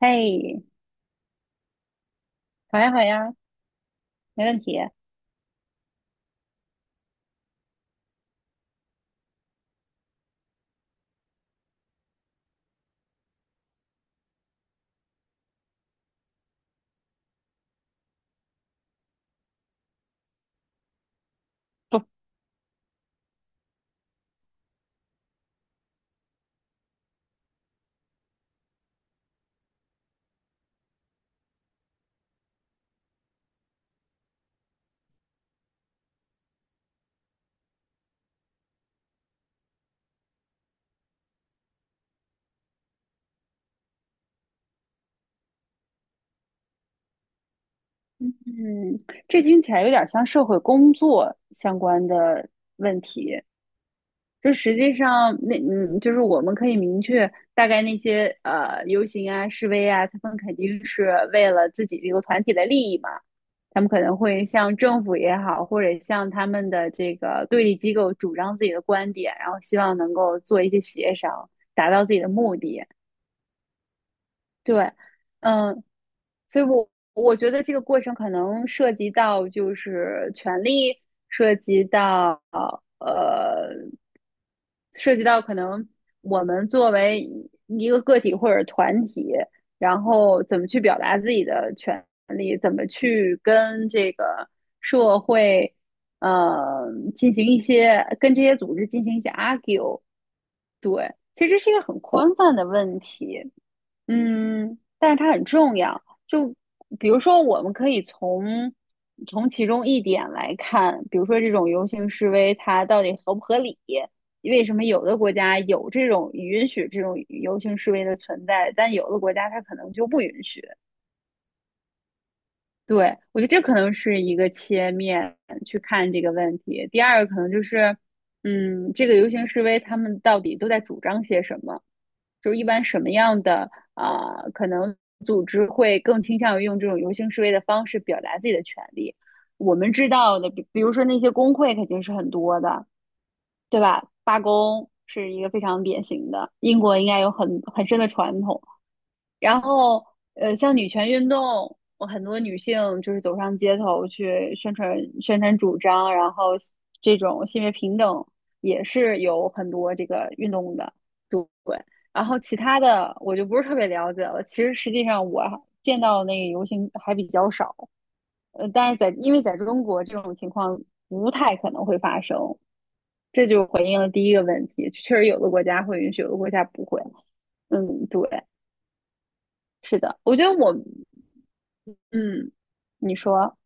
嘿，好呀，好呀，没问题。嗯，这听起来有点像社会工作相关的问题。就实际上，就是我们可以明确大概那些游行啊、示威啊，他们肯定是为了自己这个团体的利益嘛。他们可能会向政府也好，或者向他们的这个对立机构主张自己的观点，然后希望能够做一些协商，达到自己的目的。对，嗯，所以我觉得这个过程可能涉及到就是权利，涉及到呃。涉及到可能我们作为一个个体或者团体，然后怎么去表达自己的权利，怎么去跟这个社会，呃，进行一些跟这些组织进行一些 argue。对，其实是一个很宽泛的问题，但是它很重要。就比如说，我们可以从其中一点来看，比如说这种游行示威，它到底合不合理？为什么有的国家有这种允许这种游行示威的存在，但有的国家它可能就不允许。对，我觉得这可能是一个切面去看这个问题。第二个可能就是，这个游行示威他们到底都在主张些什么？就是一般什么样的啊、可能组织会更倾向于用这种游行示威的方式表达自己的权利。我们知道的，比如说那些工会肯定是很多的，对吧？罢工是一个非常典型的，英国应该有很深的传统。然后，像女权运动，我很多女性就是走上街头去宣传宣传主张，然后这种性别平等也是有很多这个运动的，对。然后其他的我就不是特别了解了。其实实际上我见到的那个游行还比较少，但是因为在中国这种情况不太可能会发生。这就回应了第一个问题，确实有的国家会允许，有的国家不会。嗯，对，是的，我觉得我，嗯，你说，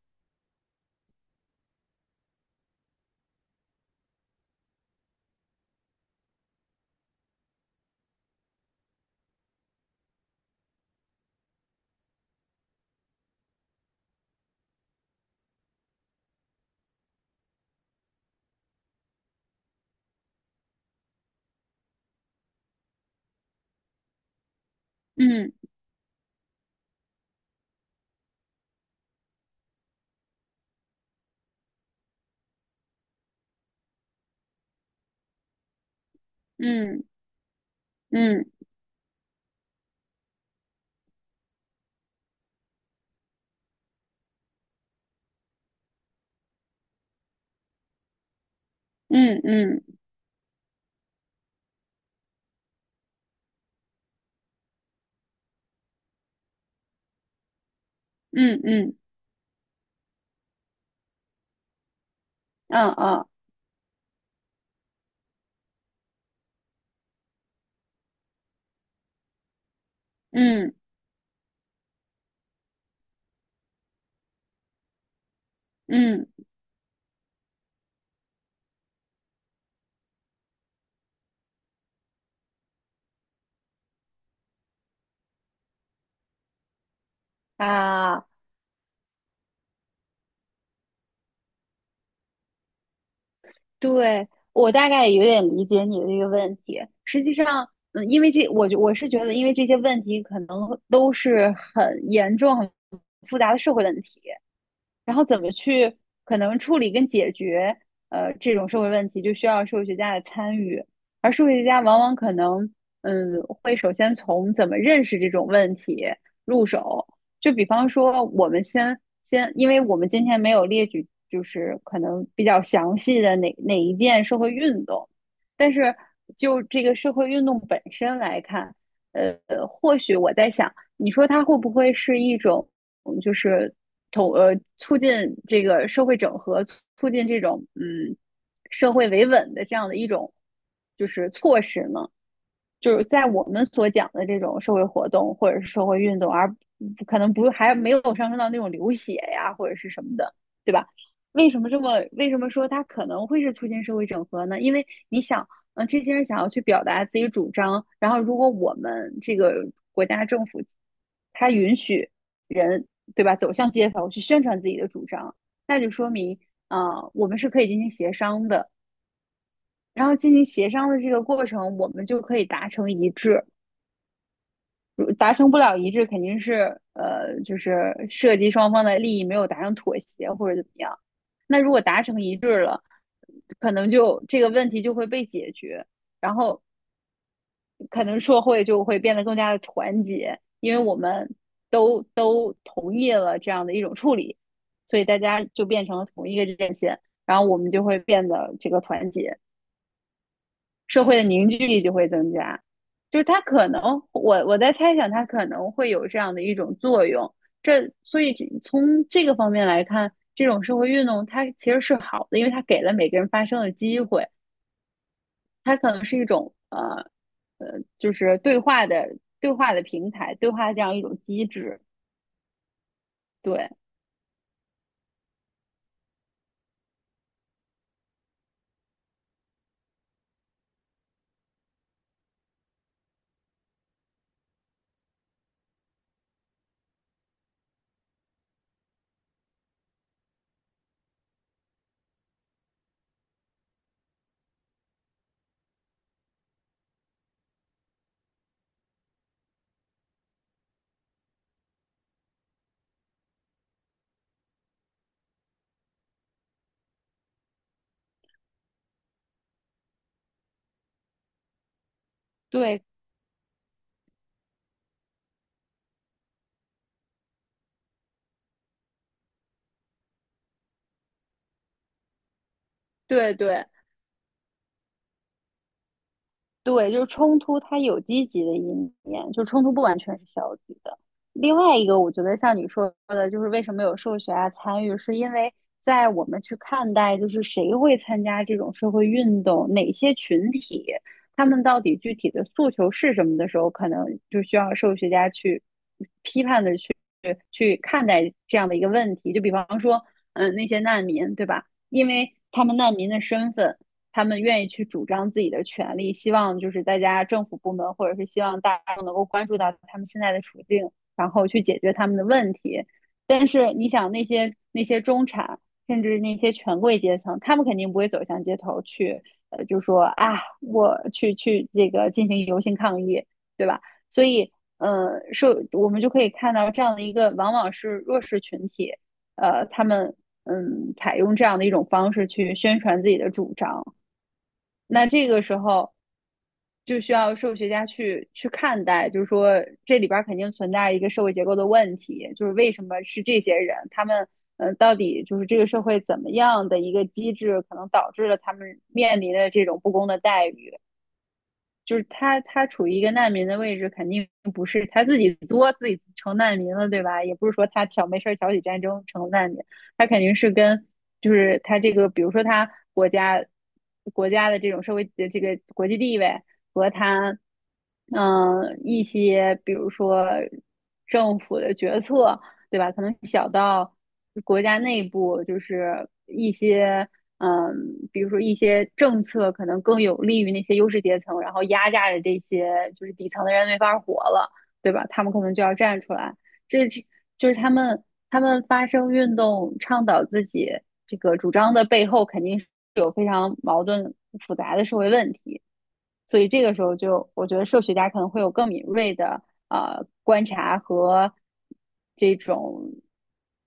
嗯嗯嗯嗯嗯嗯嗯嗯嗯嗯嗯啊，对，我大概有点理解你的这个问题。实际上，因为这，我是觉得，因为这些问题可能都是很严重、很复杂的社会问题。然后怎么去可能处理跟解决这种社会问题，就需要社会学家的参与，而社会学家往往可能会首先从怎么认识这种问题入手，就比方说我们先，因为我们今天没有列举就是可能比较详细的哪一件社会运动，但是就这个社会运动本身来看，呃，或许我在想，你说它会不会是一种就是促进这个社会整合，促进这种社会维稳的这样的一种就是措施呢？就是在我们所讲的这种社会活动或者是社会运动，而可能不还没有上升到那种流血呀或者是什么的，对吧？为什么说它可能会是促进社会整合呢？因为你想，这些人想要去表达自己主张，然后如果我们这个国家政府它允许人对吧走向街头去宣传自己的主张，那就说明啊，我们是可以进行协商的，然后进行协商的这个过程，我们就可以达成一致。如达成不了一致，肯定是就是涉及双方的利益没有达成妥协或者怎么样。那如果达成一致了，可能就这个问题就会被解决，然后可能社会就会变得更加的团结，因为我们都同意了这样的一种处理，所以大家就变成了同一个阵线，然后我们就会变得这个团结。社会的凝聚力就会增加。就是它可能，我在猜想，它可能会有这样的一种作用。所以从这个方面来看，这种社会运动它其实是好的，因为它给了每个人发声的机会，它可能是一种就是对话的平台，对话这样一种机制。对对对对，对，就是冲突，它有积极的一面，就冲突不完全是消极的。另外一个，我觉得像你说的，就是为什么有社会学家参与，是因为在我们去看待，就是谁会参加这种社会运动，哪些群体，他们到底具体的诉求是什么的时候，可能就需要社会学家去看待这样的一个问题。就比方说，那些难民，对吧？因为他们难民的身份，他们愿意去主张自己的权利，希望就是大家政府部门或者是希望大众能够关注到他们现在的处境，然后去解决他们的问题。但是你想，那些中产，甚至那些权贵阶层，他们肯定不会走向街头去，就说啊，我去这个进行游行抗议，对吧？所以，是我们就可以看到这样的一个，往往是弱势群体，他们采用这样的一种方式去宣传自己的主张。那这个时候就需要社会学家去看待，就是说这里边肯定存在一个社会结构的问题，就是为什么是这些人，他们到底就是这个社会怎么样的一个机制，可能导致了他们面临的这种不公的待遇。就是他处于一个难民的位置，肯定不是他自己作自己成难民了，对吧？也不是说他没事挑起战争成难民，他肯定是就是他这个，比如说他国家的这种社会的这个国际地位和他一些比如说政府的决策，对吧？可能小到国家内部就是一些，嗯，比如说一些政策可能更有利于那些优势阶层，然后压榨着这些就是底层的人没法活了，对吧？他们可能就要站出来，这就是他们发生运动倡导自己这个主张的背后，肯定是有非常矛盾复杂的社会问题，所以这个时候就我觉得社会学家可能会有更敏锐的观察和这种。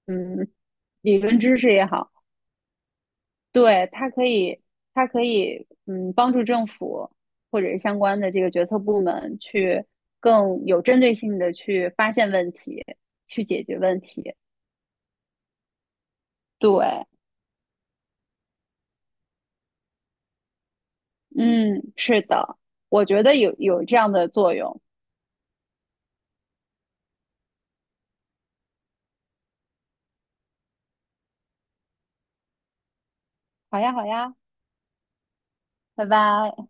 嗯，理论知识也好，对，它可以，帮助政府或者是相关的这个决策部门去更有针对性的去发现问题，去解决问题。对，嗯，是的，我觉得有这样的作用。好呀，好呀，拜拜。